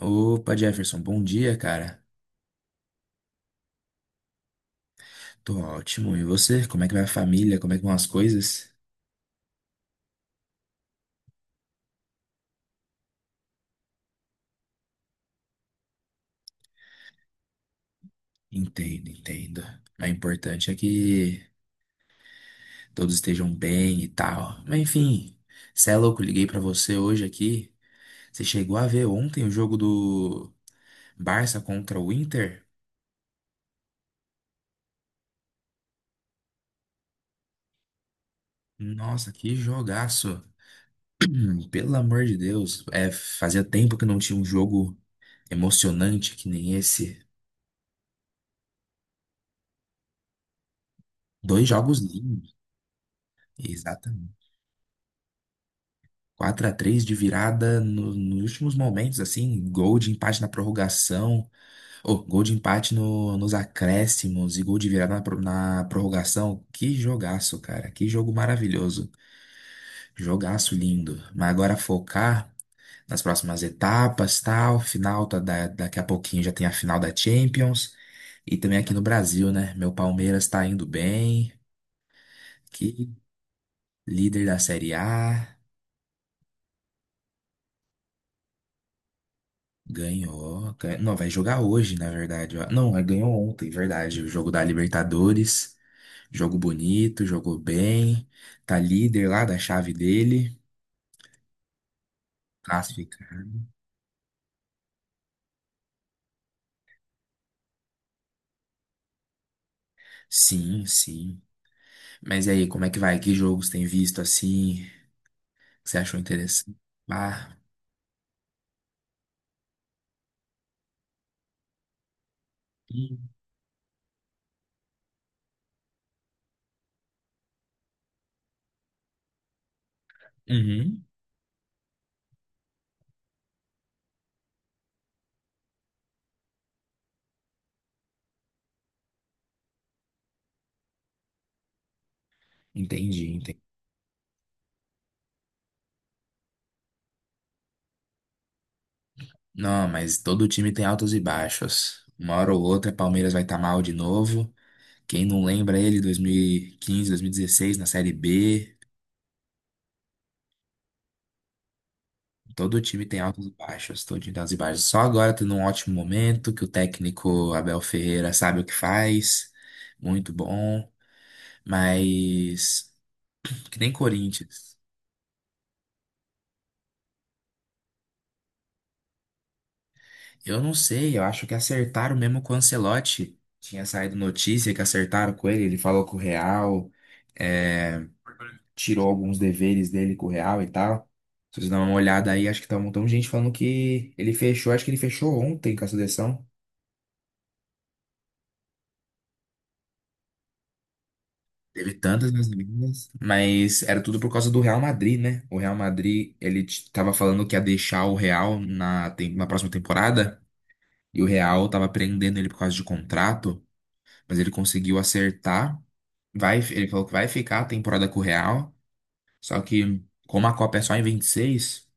Opa, Jefferson, bom dia, cara. Tô ótimo. E você? Como é que vai a família? Como é que vão as coisas? Entendo, entendo. Mas o importante é que todos estejam bem e tal. Mas enfim, cê é louco, liguei pra você hoje aqui. Você chegou a ver ontem o jogo do Barça contra o Inter? Nossa, que jogaço! Pelo amor de Deus, é, fazia tempo que não tinha um jogo emocionante que nem esse. Dois jogos lindos, exatamente. 4-3 de virada nos últimos momentos, assim, gol de empate na prorrogação, ou gol de empate nos acréscimos e gol de virada na prorrogação. Que jogaço, cara, que jogo maravilhoso, jogaço lindo. Mas agora focar nas próximas etapas, tal, final, tá, daqui a pouquinho já tem a final da Champions e também aqui no Brasil, né? Meu Palmeiras tá indo bem, que líder da Série A. Ganhou. Não, vai jogar hoje, na verdade. Ó. Não, ele ganhou ontem, verdade. O jogo da Libertadores. Jogo bonito, jogou bem. Tá líder lá da chave dele. Classifica. Sim, sim. Mas e aí, como é que vai? Que jogos tem visto assim? Que você achou interessante? Ah, hum, uhum. Entendi, entendi. Não, mas todo time tem altos e baixos. Uma hora ou outra, Palmeiras vai estar mal de novo. Quem não lembra ele, 2015, dezesseis na Série B. Todo time tem altos e baixos, todo time tem altos e baixos. Só agora tá num ótimo momento que o técnico Abel Ferreira sabe o que faz, muito bom, mas que nem Corinthians. Eu não sei, eu acho que acertaram mesmo com o Ancelotti. Tinha saído notícia que acertaram com ele, ele falou com o Real, é, tirou alguns deveres dele com o Real e tal. Se vocês dão uma olhada aí, acho que tá um montão de gente falando que ele fechou, acho que ele fechou ontem com a seleção. Teve tantas nas ligas, mas era tudo por causa do Real Madrid, né? O Real Madrid, ele tava falando que ia deixar o Real na próxima temporada, e o Real tava prendendo ele por causa de contrato, mas ele conseguiu acertar. Vai, ele falou que vai ficar a temporada com o Real, só que como a Copa é só em 26,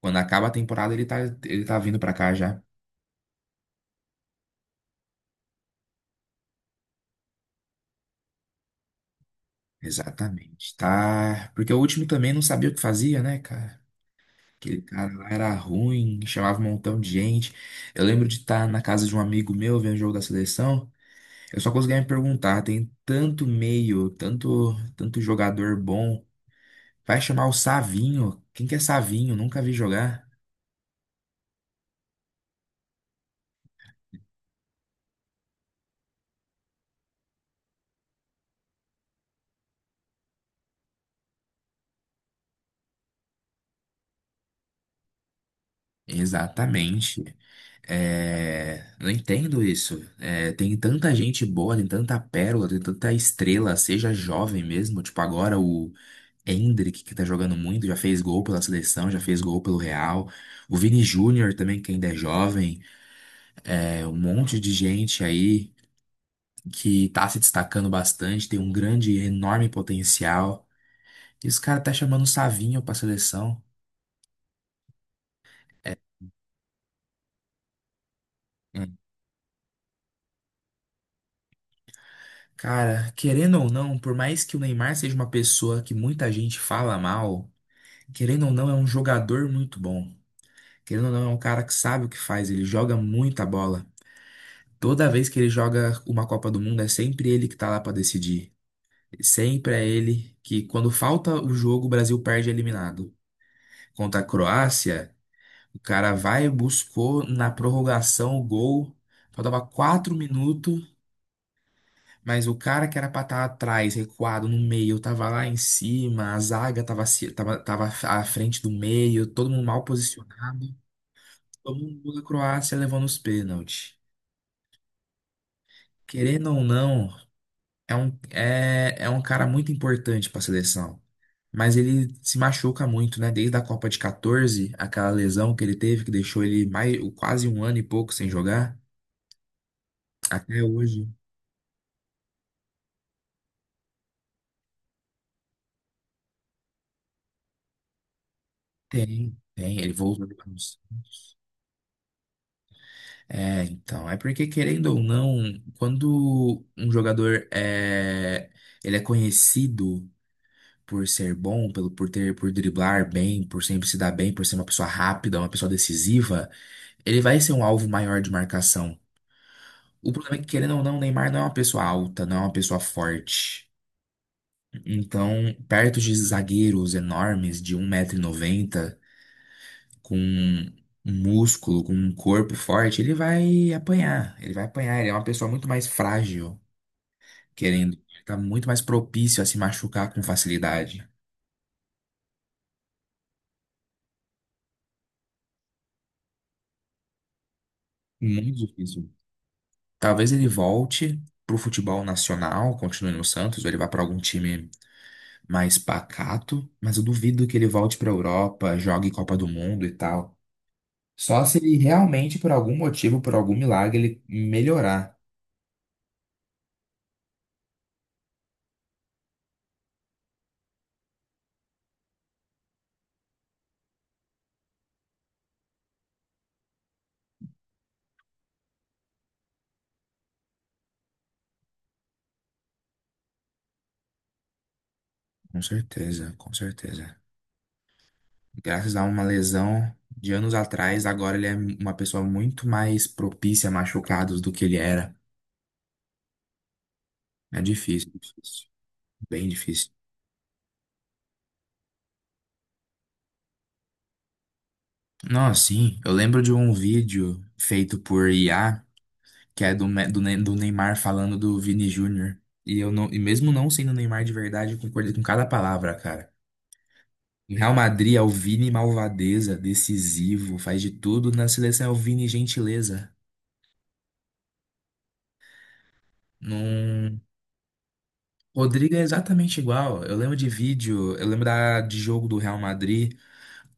quando acaba a temporada ele tá vindo pra cá já. Exatamente, tá? Porque o último também não sabia o que fazia, né, cara? Aquele cara lá era ruim, chamava um montão de gente. Eu lembro de estar na casa de um amigo meu vendo o jogo da seleção. Eu só conseguia me perguntar, tem tanto meio, tanto, tanto jogador bom. Vai chamar o Savinho? Quem que é Savinho? Nunca vi jogar. Exatamente. É, não entendo isso. É, tem tanta gente boa, tem tanta pérola, tem tanta estrela, seja jovem mesmo. Tipo, agora o Endrick, que tá jogando muito, já fez gol pela seleção, já fez gol pelo Real. O Vini Júnior também, que ainda é jovem. É, um monte de gente aí que tá se destacando bastante, tem um grande, enorme potencial. E os caras tá chamando o Savinho pra seleção. É, hum. Cara, querendo ou não, por mais que o Neymar seja uma pessoa que muita gente fala mal, querendo ou não, é um jogador muito bom. Querendo ou não, é um cara que sabe o que faz, ele joga muita bola. Toda vez que ele joga uma Copa do Mundo, é sempre ele que tá lá pra decidir. Sempre é ele que, quando falta o jogo, o Brasil perde eliminado. Contra a Croácia, o cara vai e buscou na prorrogação o gol. Faltava 4 minutos, mas o cara que era pra estar atrás, recuado no meio, tava lá em cima, a zaga tava, se- tava, tava à frente do meio, todo mundo mal posicionado. Todo mundo da Croácia levando os pênaltis. Querendo ou não. É um cara muito importante para a seleção. Mas ele se machuca muito, né? Desde a Copa de 14, aquela lesão que ele teve, que deixou ele mais, quase um ano e pouco sem jogar, até hoje. Ele voltou depois. É, então, é porque querendo ou não, quando um jogador é, ele é conhecido por ser bom, pelo por ter, por driblar bem, por sempre se dar bem, por ser uma pessoa rápida, uma pessoa decisiva, ele vai ser um alvo maior de marcação. O problema é que, querendo ou não, o Neymar não é uma pessoa alta, não é uma pessoa forte. Então, perto de zagueiros enormes de um metro e noventa com um músculo, com um corpo forte, ele vai apanhar. Ele vai apanhar. Ele é uma pessoa muito mais frágil, querendo. Ele tá muito mais propício a se machucar com facilidade. Muito difícil. Talvez ele volte pro futebol nacional, continue no Santos, ou ele vá para algum time mais pacato, mas eu duvido que ele volte para Europa, jogue Copa do Mundo e tal. Só se ele realmente, por algum motivo, por algum milagre, ele melhorar. Com certeza, com certeza. Graças a uma lesão de anos atrás, agora ele é uma pessoa muito mais propícia a machucados do que ele era. É difícil, difícil. Bem difícil. Não, sim, eu lembro de um vídeo feito por IA, que é do Neymar falando do Vini Júnior. E eu não, e mesmo não sendo o Neymar de verdade, eu concordei com cada palavra, cara. Em Real Madrid, é o Vini malvadeza, decisivo, faz de tudo. Na seleção, é o Vini gentileza. Num... Rodrigo é exatamente igual. Eu lembro de vídeo, eu lembro de jogo do Real Madrid,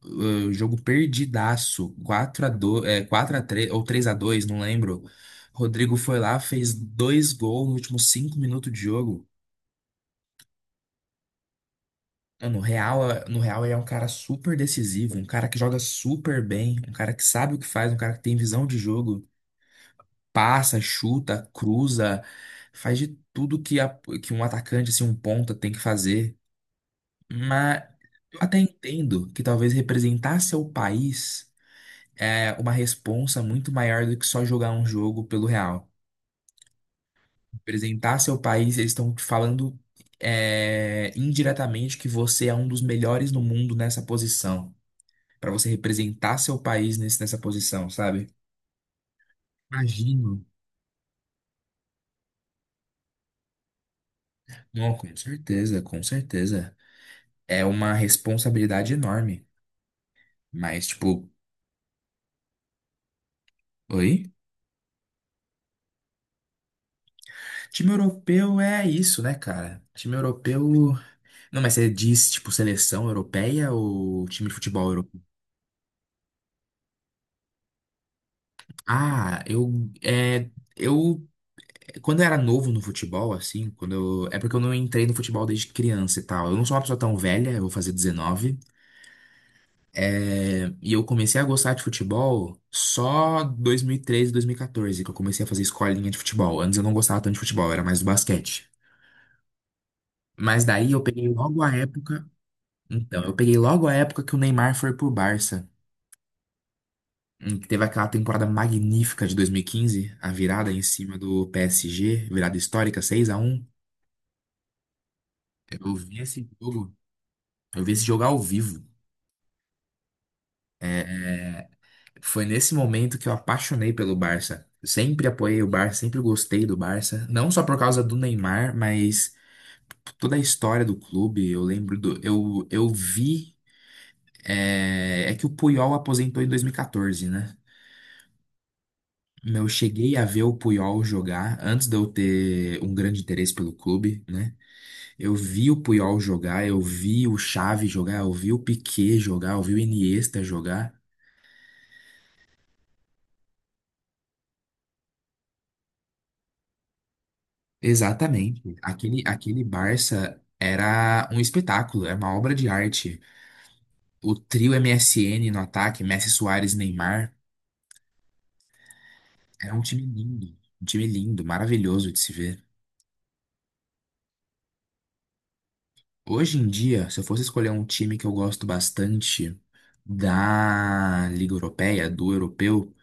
jogo perdidaço, 4-2 é, 4-3 ou 3-2 não lembro. Rodrigo foi lá, fez dois gols nos últimos 5 minutos de jogo. Mano, o Real, no Real ele é um cara super decisivo, um cara que joga super bem, um cara que sabe o que faz, um cara que tem visão de jogo. Passa, chuta, cruza, faz de tudo que um atacante, assim, um ponta tem que fazer. Mas eu até entendo que talvez representar seu país é uma responsa muito maior do que só jogar um jogo pelo Real. Representar seu país, eles estão te falando é, indiretamente que você é um dos melhores no mundo nessa posição. Pra você representar seu país nessa posição, sabe? Imagino. Não, com certeza, com certeza. É uma responsabilidade enorme. Mas, tipo, oi? Time europeu é isso, né, cara? Time europeu. Não, mas você diz, tipo, seleção europeia ou time de futebol europeu? Ah, eu. É, eu. Quando eu era novo no futebol, assim, quando eu. É porque eu não entrei no futebol desde criança e tal. Eu não sou uma pessoa tão velha, eu vou fazer 19. É, e eu comecei a gostar de futebol só dois mil e treze, dois mil e 2014, que eu comecei a fazer escolinha de futebol. Antes eu não gostava tanto de futebol, eu era mais do basquete. Mas daí eu peguei logo a época. Então, eu peguei logo a época que o Neymar foi pro Barça, em que teve aquela temporada magnífica de 2015, a virada em cima do PSG, virada histórica, 6-1. Eu vi esse jogo, eu vi esse jogo ao vivo. Foi nesse momento que eu apaixonei pelo Barça. Sempre apoiei o Barça, sempre gostei do Barça. Não só por causa do Neymar, mas toda a história do clube. Eu lembro do. Eu vi. É que o Puyol aposentou em 2014, né? Não cheguei a ver o Puyol jogar antes de eu ter um grande interesse pelo clube, né? Eu vi o Puyol jogar, eu vi o Xavi jogar, eu vi o Piqué jogar, eu vi o Iniesta jogar. Exatamente. Aquele Barça era um espetáculo, era uma obra de arte. O trio M S N no ataque, Messi, Suárez, Neymar, era um time lindo, maravilhoso de se ver. Hoje em dia, se eu fosse escolher um time que eu gosto bastante da Liga Europeia, do europeu,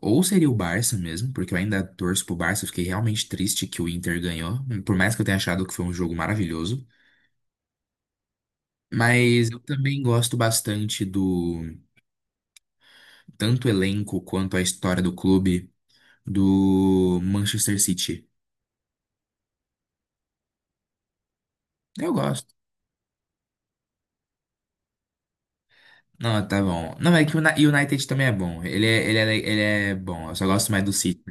ou seria o Barça mesmo, porque eu ainda torço pro Barça, eu fiquei realmente triste que o Inter ganhou, por mais que eu tenha achado que foi um jogo maravilhoso. Mas eu também gosto bastante do tanto o elenco quanto a história do clube do Manchester City. Eu gosto. Não, tá bom. Não, é que o United também é bom. Ele é bom. Eu só gosto mais do City.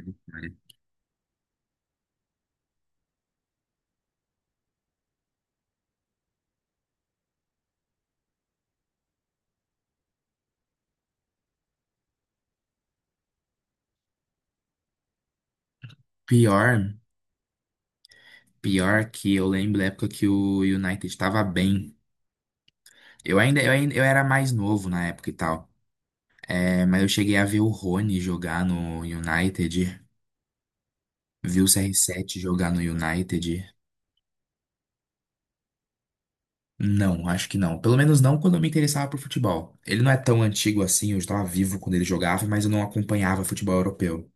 Pior. Pior que eu lembro da época que o United estava bem. Eu era mais novo na época e tal. É, mas eu cheguei a ver o Rony jogar no United, vi o CR7 jogar no United. Não, acho que não. Pelo menos não quando eu me interessava por futebol. Ele não é tão antigo assim, eu estava vivo quando ele jogava, mas eu não acompanhava futebol europeu.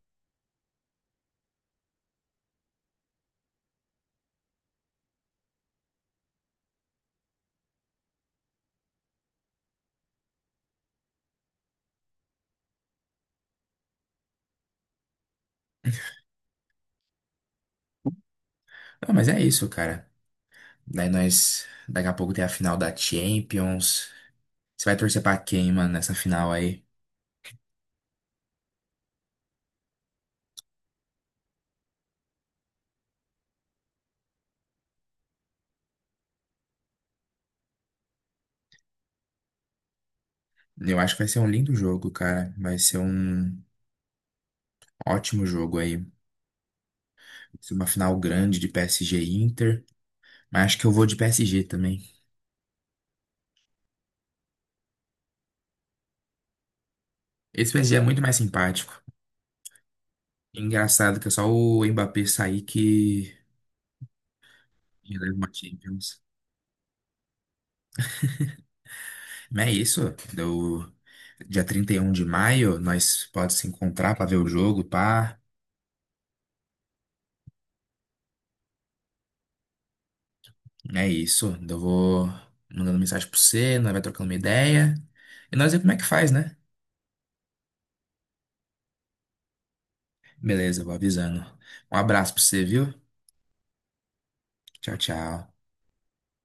Ah, mas é isso, cara. Daí daqui a pouco tem a final da Champions. Você vai torcer pra quem, mano, nessa final aí? Eu acho que vai ser um lindo jogo, cara. Vai ser um. Ótimo jogo aí. Vai ser uma final grande de PSG e Inter. Mas acho que eu vou de PSG também. Esse PSG é muito mais simpático. Engraçado que é só o Mbappé sair que leva uma Champions. Mas é isso. Do dia 31 de maio, nós pode se encontrar pra ver o jogo, pá. É isso. Então eu vou mandando mensagem pro você, nós vai trocando uma ideia. E nós vemos como é que faz, né? Beleza, vou avisando. Um abraço pra você, viu? Tchau, tchau.